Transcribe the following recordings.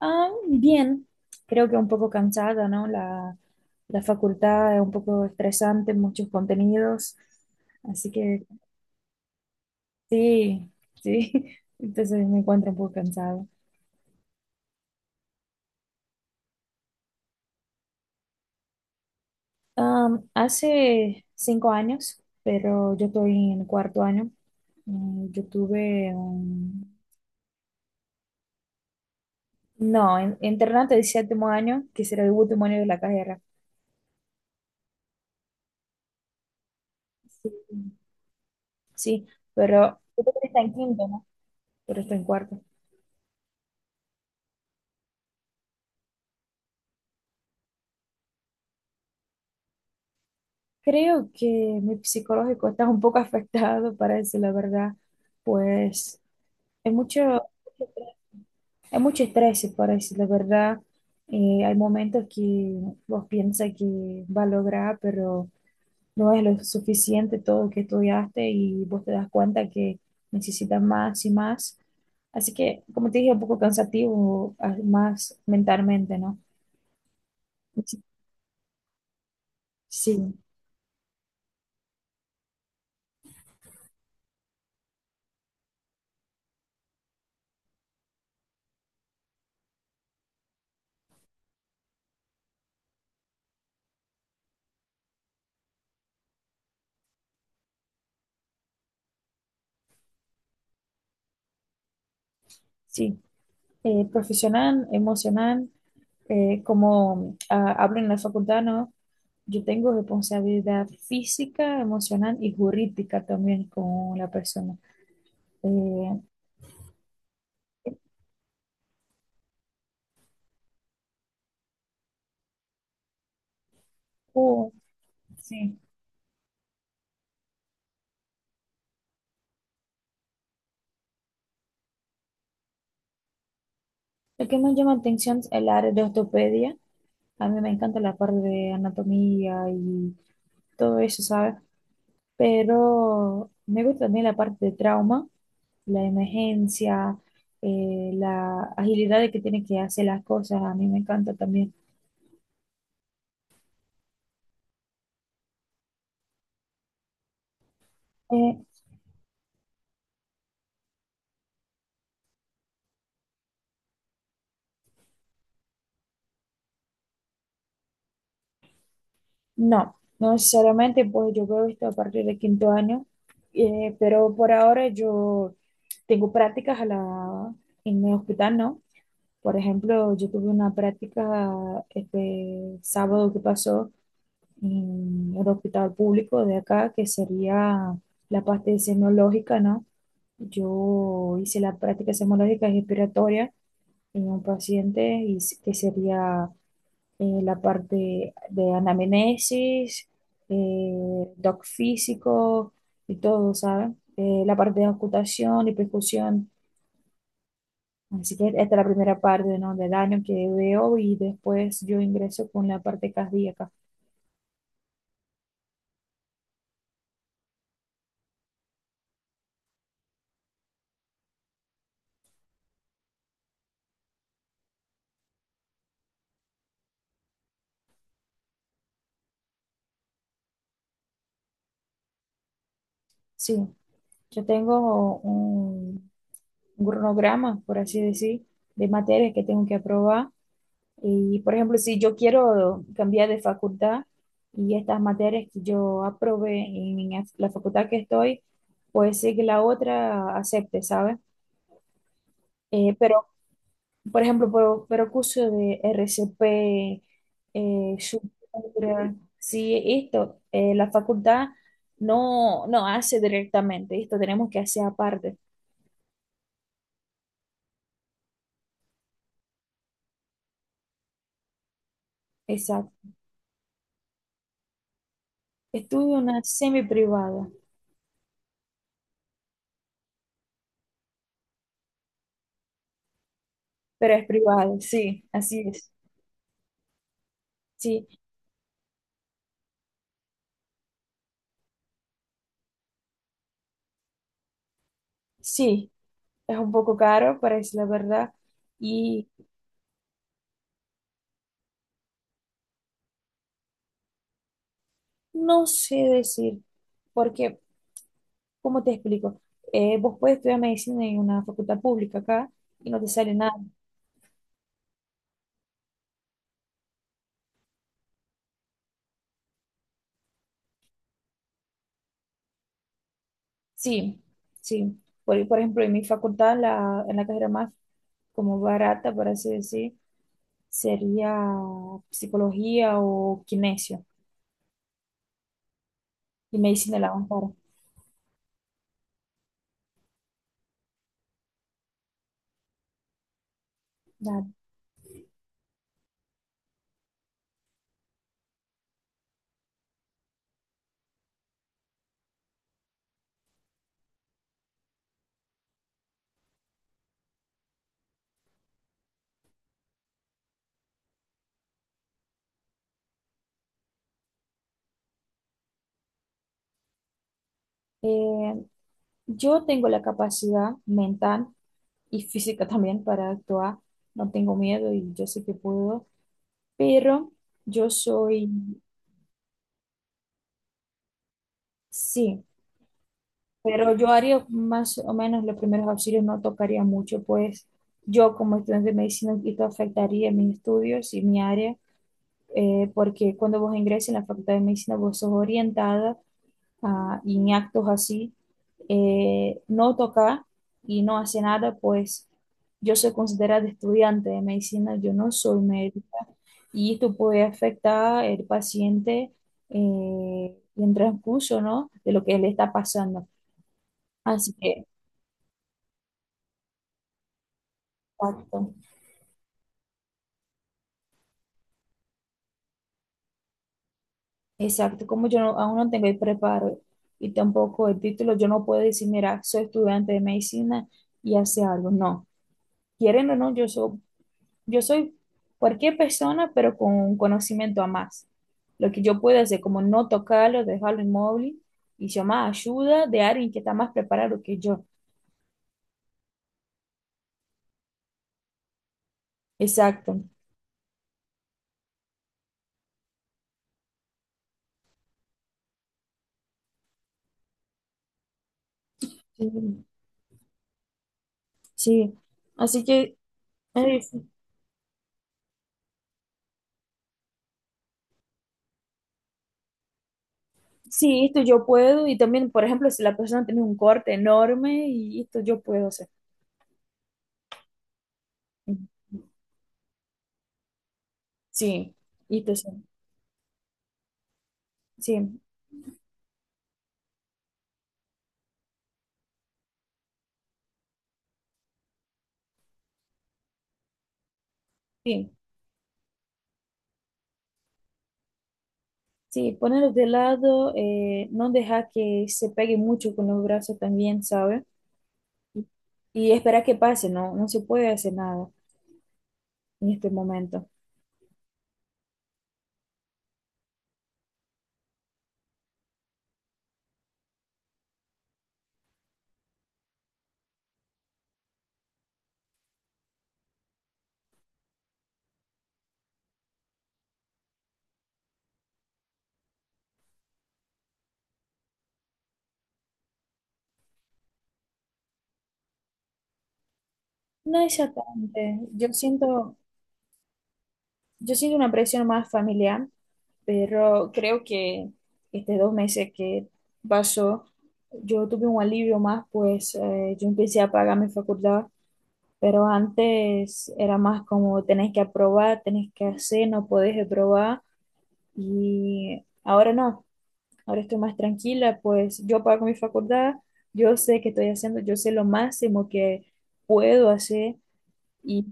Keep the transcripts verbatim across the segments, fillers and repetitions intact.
Ah, bien, creo que un poco cansada, ¿no? La, la facultad es un poco estresante, muchos contenidos, así que sí, sí, entonces me encuentro un poco cansada. Am, hace cinco años, pero yo estoy en cuarto año, mm, yo tuve un... No, en- internato de séptimo año, que será el último año de la carrera. Sí, sí, pero tú creo está en quinto, ¿no? Pero está en cuarto. Creo que mi psicológico está un poco afectado, para decir la verdad, pues hay mucho, hay mucho estrés, para decir la verdad. Eh, hay momentos que vos piensas que va a lograr, pero no es lo suficiente todo lo que estudiaste y vos te das cuenta que necesitas más y más. Así que, como te dije, un poco cansativo, ah, más mentalmente, ¿no? Sí, sí, sí. Eh, profesional, emocional. eh, como ah, hablo en la facultad, ¿no? Yo tengo responsabilidad física, emocional y jurídica también con la persona. Eh, oh, sí. Lo que me llama la atención es el área de ortopedia. A mí me encanta la parte de anatomía y todo eso, ¿sabes? Pero me gusta también la parte de trauma, la emergencia, eh, la agilidad de que tiene que hacer las cosas. A mí me encanta también. Eh, No, no necesariamente, pues yo veo esto a partir de quinto año, eh, pero por ahora yo tengo prácticas a la, en el hospital, ¿no? Por ejemplo, yo tuve una práctica este sábado que pasó en el hospital público de acá, que sería la parte semológica, ¿no? Yo hice la práctica semológica respiratoria en un paciente y s- que sería, eh, la parte de anamnesis, eh, doc físico y todo, ¿saben? Eh, la parte de ocultación y percusión. Así que esta es la primera parte, ¿no?, del año que veo y después yo ingreso con la parte cardíaca. Sí, yo tengo un, un cronograma, por así decir, de materias que tengo que aprobar. Y, por ejemplo, si yo quiero cambiar de facultad y estas materias que yo aprobé en la la facultad que estoy, pues sí que la otra acepte, ¿sabes? Eh, pero, por ejemplo, pero, pero curso de R C P, eh, Sutura, sí, esto, eh, la facultad no, no hace directamente, esto tenemos que hacer aparte. Exacto. Estudio una semi privada, pero es privada, sí, así es. Sí, sí, es un poco caro, parece la verdad. Y no sé decir, porque, ¿cómo te explico? Eh, vos puedes estudiar medicina en una facultad pública acá y no te sale nada. Sí, sí. Por, por ejemplo, en mi facultad, la, en la carrera más como barata, por así decir, sería psicología o kinesio y medicina de la más cara. Claro. Eh, yo tengo la capacidad mental y física también para actuar. No tengo miedo y yo sé que puedo, pero yo soy, sí, pero yo haría más o menos los primeros auxilios, no tocaría mucho, pues yo como estudiante de medicina esto afectaría mis estudios y mi área, eh, porque cuando vos ingreses en la facultad de medicina vos sos orientada a, y en actos así, eh, no tocar y no hacer nada, pues yo soy considerada estudiante de medicina, yo no soy médico. Y esto puede afectar al paciente, eh, y en transcurso, ¿no?, de lo que le está pasando. Así que, exacto, exacto. Como yo no- aún no tengo el preparo y tampoco el título, yo no puedo decir, mira, soy estudiante de medicina y hace algo. No, quieren o no, yo soy, yo soy cualquier persona, pero con un conocimiento a más. Lo que yo puedo hacer, como no tocarlo, dejarlo inmóvil y llamar ayuda de alguien que está más preparado que yo. Exacto. Sí. Sí, así que eh, sí, sí, esto yo puedo y también, por ejemplo, si la persona tiene un corte enorme y esto yo puedo hacer. Sí, esto sí, sí, sí, sí, ponerlo de lado, eh, no dejar que se pegue mucho con los brazos también, ¿sabes? Y esperar que pase, no, no se puede hacer nada en este momento. No exactamente, yo siento, yo siento una presión más familiar, pero creo que estos dos meses que pasó, yo tuve un alivio más, pues eh, yo empecé a pagar mi facultad, pero antes era más como tenés que aprobar, tenés que hacer, no podés reprobar, y ahora no, ahora estoy más tranquila, pues yo pago mi facultad, yo sé que estoy haciendo, yo sé lo máximo que puedo hacer, y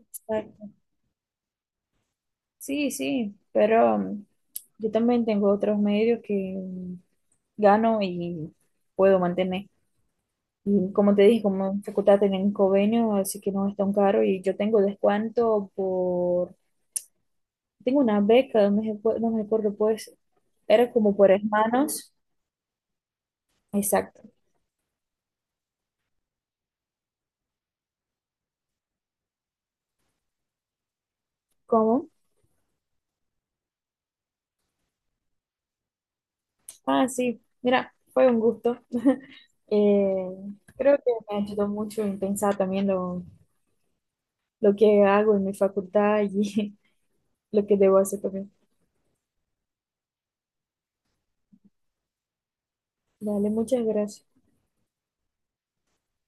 exacto. Sí, sí, pero um, yo también tengo otros medios que gano y puedo mantener. Y como te dije, como en facultad tienen convenio, así que no es tan caro y yo tengo descuento por, tengo una beca, no me, recu- no me acuerdo, pues, era como por hermanos. Exacto. ¿Cómo? Ah, sí, mira, fue un gusto. Eh, creo que me ayudó mucho en pensar también lo, lo que hago en mi facultad y lo que debo hacer también. Dale, muchas gracias.